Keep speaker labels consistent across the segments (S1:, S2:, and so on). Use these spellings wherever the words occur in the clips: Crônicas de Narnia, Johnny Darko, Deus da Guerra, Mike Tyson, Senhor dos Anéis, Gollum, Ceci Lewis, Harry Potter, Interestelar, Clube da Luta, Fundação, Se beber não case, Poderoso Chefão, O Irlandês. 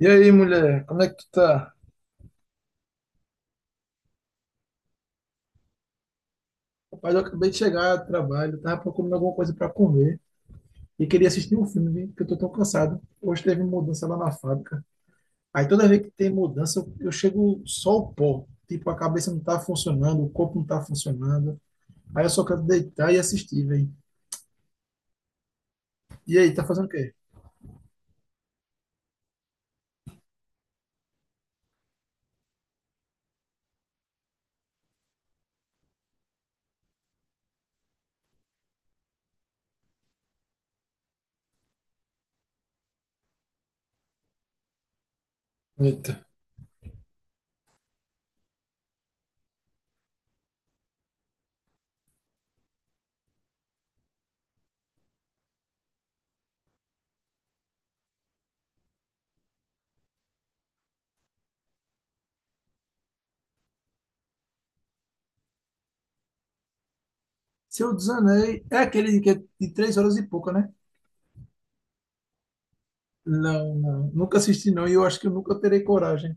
S1: E aí, mulher, como é que tu tá? Rapaz, eu acabei de chegar do trabalho, tava procurando alguma coisa pra comer e queria assistir um filme, viu? Porque eu tô tão cansado. Hoje teve mudança lá na fábrica. Aí toda vez que tem mudança, eu chego só o pó. Tipo, a cabeça não tá funcionando, o corpo não tá funcionando. Aí eu só quero deitar e assistir, velho. E aí, tá fazendo o quê? Eita. Se eu desanei, é aquele que é de três horas e pouca, né? Não, não. Nunca assisti, não, e eu acho que eu nunca terei coragem.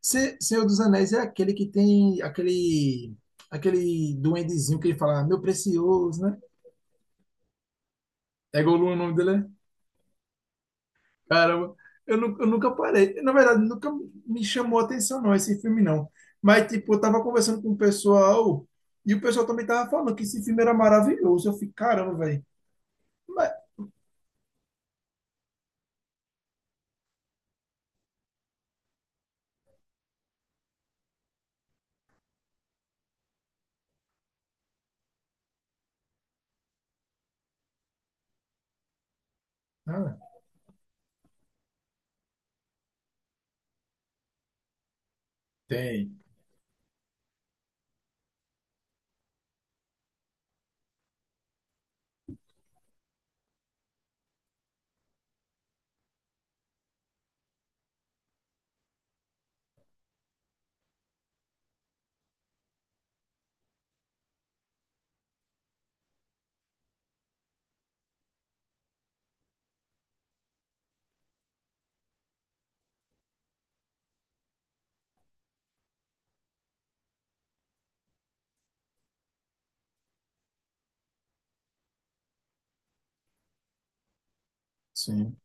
S1: Senhor dos Anéis é aquele que tem aquele aquele duendezinho que ele fala, meu precioso, né? É Gollum o nome dele, é? Caramba, eu nunca parei. Na verdade, nunca me chamou a atenção, não, esse filme, não. Mas, tipo, eu tava conversando com o pessoal e o pessoal também tava falando que esse filme era maravilhoso. Eu fiquei, caramba, velho. Mas, ah, tem, sim.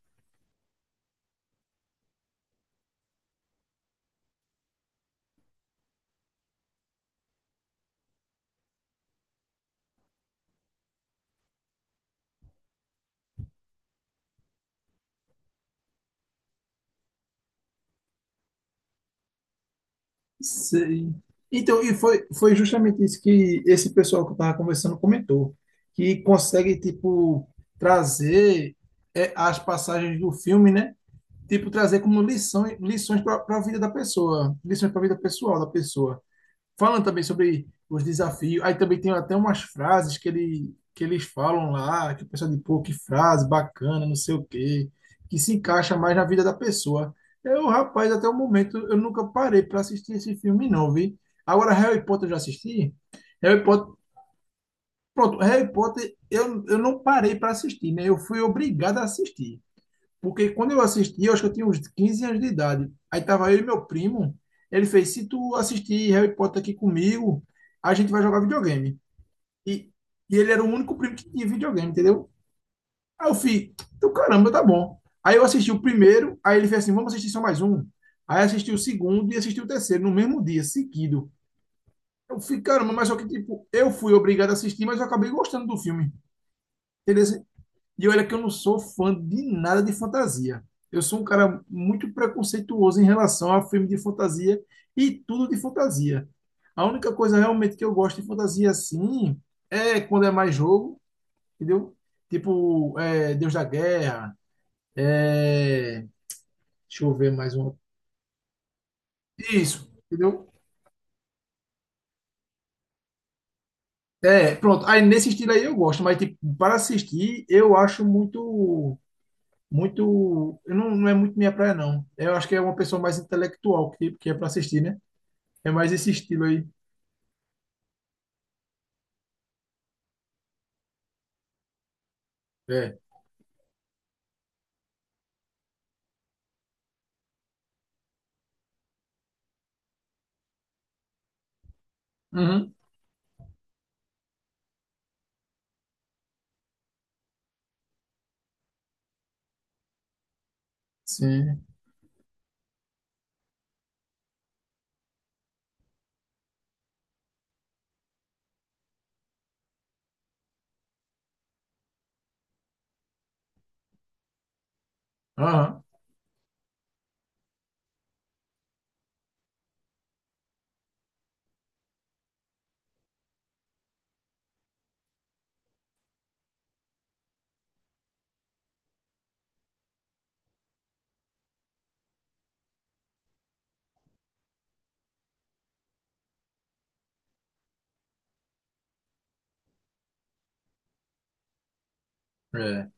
S1: Sei. Então, e foi justamente isso que esse pessoal que eu estava conversando comentou, que consegue, tipo, trazer as passagens do filme, né? Tipo, trazer como lição, lições para a vida da pessoa, lições para a vida pessoal da pessoa falando também sobre os desafios. Aí também tem até umas frases que que eles falam lá, que o pessoal diz, pô, que frase bacana, não sei o quê, que se encaixa mais na vida da pessoa. Eu, rapaz, até o momento eu nunca parei para assistir esse filme, não, vi. Agora, Harry Potter eu já assisti. Harry Potter, pronto, Harry Potter eu não parei para assistir, né? Eu fui obrigado a assistir. Porque quando eu assisti, eu acho que eu tinha uns 15 anos de idade. Aí tava eu e meu primo. Ele fez: se tu assistir Harry Potter aqui comigo, a gente vai jogar videogame. E, e ele era o único primo que tinha videogame, entendeu? Aí eu fui: então caramba, tá bom. Aí eu assisti o primeiro, aí ele fez assim: vamos assistir só mais um. Aí assisti o segundo e assisti o terceiro no mesmo dia, seguido. Eu fiquei, caramba, mas só que tipo, eu fui obrigado a assistir, mas eu acabei gostando do filme. Entendeu? E olha que eu não sou fã de nada de fantasia. Eu sou um cara muito preconceituoso em relação a filme de fantasia e tudo de fantasia. A única coisa realmente que eu gosto de fantasia assim é quando é mais jogo, entendeu? Tipo, é, Deus da Guerra, é... deixa eu ver mais um. Isso, entendeu? É, pronto. Aí nesse estilo aí eu gosto, mas tipo, para assistir eu acho muito muito. Eu não, não é muito minha praia, não. Eu acho que é uma pessoa mais intelectual que é para assistir, né? É mais esse estilo aí. É. Uhum. Sim. Aham. É.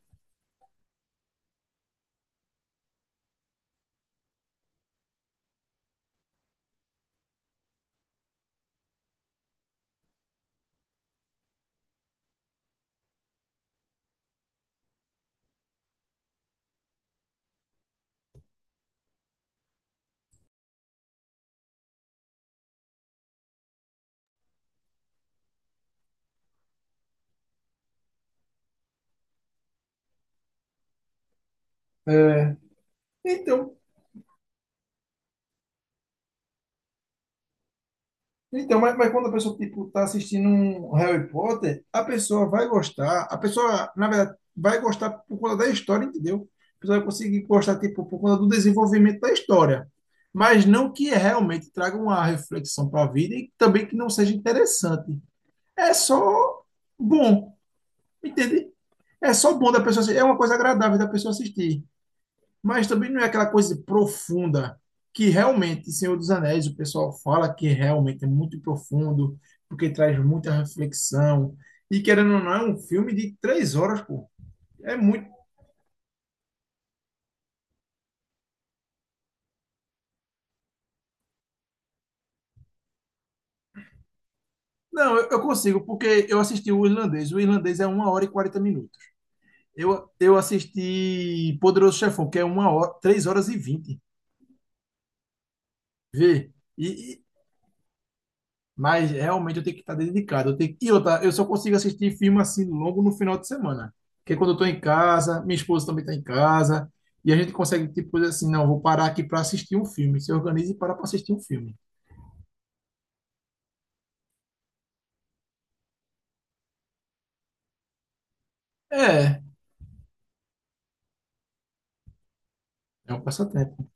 S1: É, então, então mas quando a pessoa tipo tá assistindo um Harry Potter, a pessoa vai gostar, a pessoa, na verdade, vai gostar por conta da história, entendeu? A pessoa vai conseguir gostar tipo por conta do desenvolvimento da história, mas não que realmente traga uma reflexão para a vida e também que não seja interessante. É só bom, entende? É só bom da pessoa assistir. É uma coisa agradável da pessoa assistir. Mas também não é aquela coisa profunda que realmente Senhor dos Anéis, o pessoal fala que realmente é muito profundo, porque traz muita reflexão. E querendo ou não, é um filme de três horas, pô. É muito. Não, eu consigo, porque eu assisti o irlandês. O irlandês é uma hora e 40 minutos. Eu assisti Poderoso Chefão, que é uma hora, três horas e vinte. Vê. E, mas realmente eu tenho que estar dedicado. Eu tenho... E outra, eu só consigo assistir filme assim longo no final de semana. Porque quando eu estou em casa, minha esposa também está em casa, e a gente consegue, tipo, dizer assim, não, vou parar aqui para assistir um filme. Se organiza e para para assistir um filme. É, é um passatempo.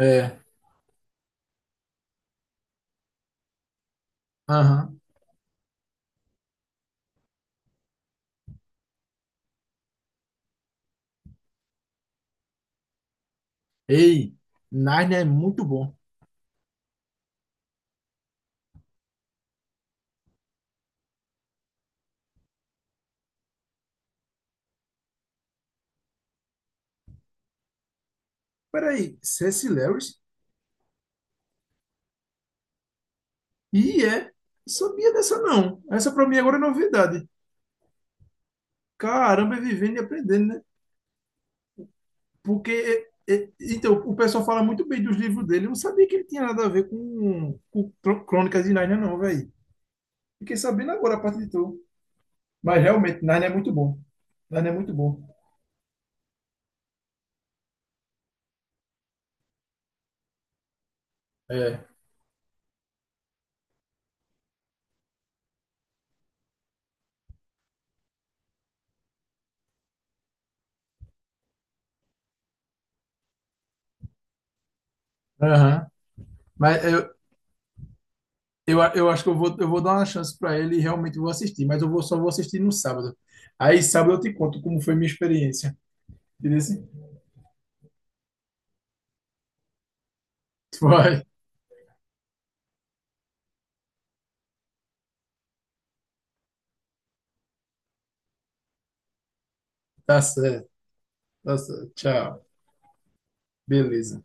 S1: É, aham. Ei, Narnia é muito bom. Peraí, Ceci Lewis? E é, sabia dessa não. Essa para mim agora é novidade. Caramba, é vivendo e aprendendo, né? Porque, é, é, então, o pessoal fala muito bem dos livros dele. Eu não sabia que ele tinha nada a ver com Crônicas de Narnia, não, velho. Fiquei sabendo agora a partir de tu. Mas realmente, Narnia é muito bom. Narnia é muito bom. É. Aham. Mas eu, eu acho que eu vou dar uma chance para ele e realmente vou assistir, mas só vou assistir no sábado. Aí sábado eu te conto como foi minha experiência. Entendeu? Assim? Vai, tá certo, tá certo. Tchau. Beleza.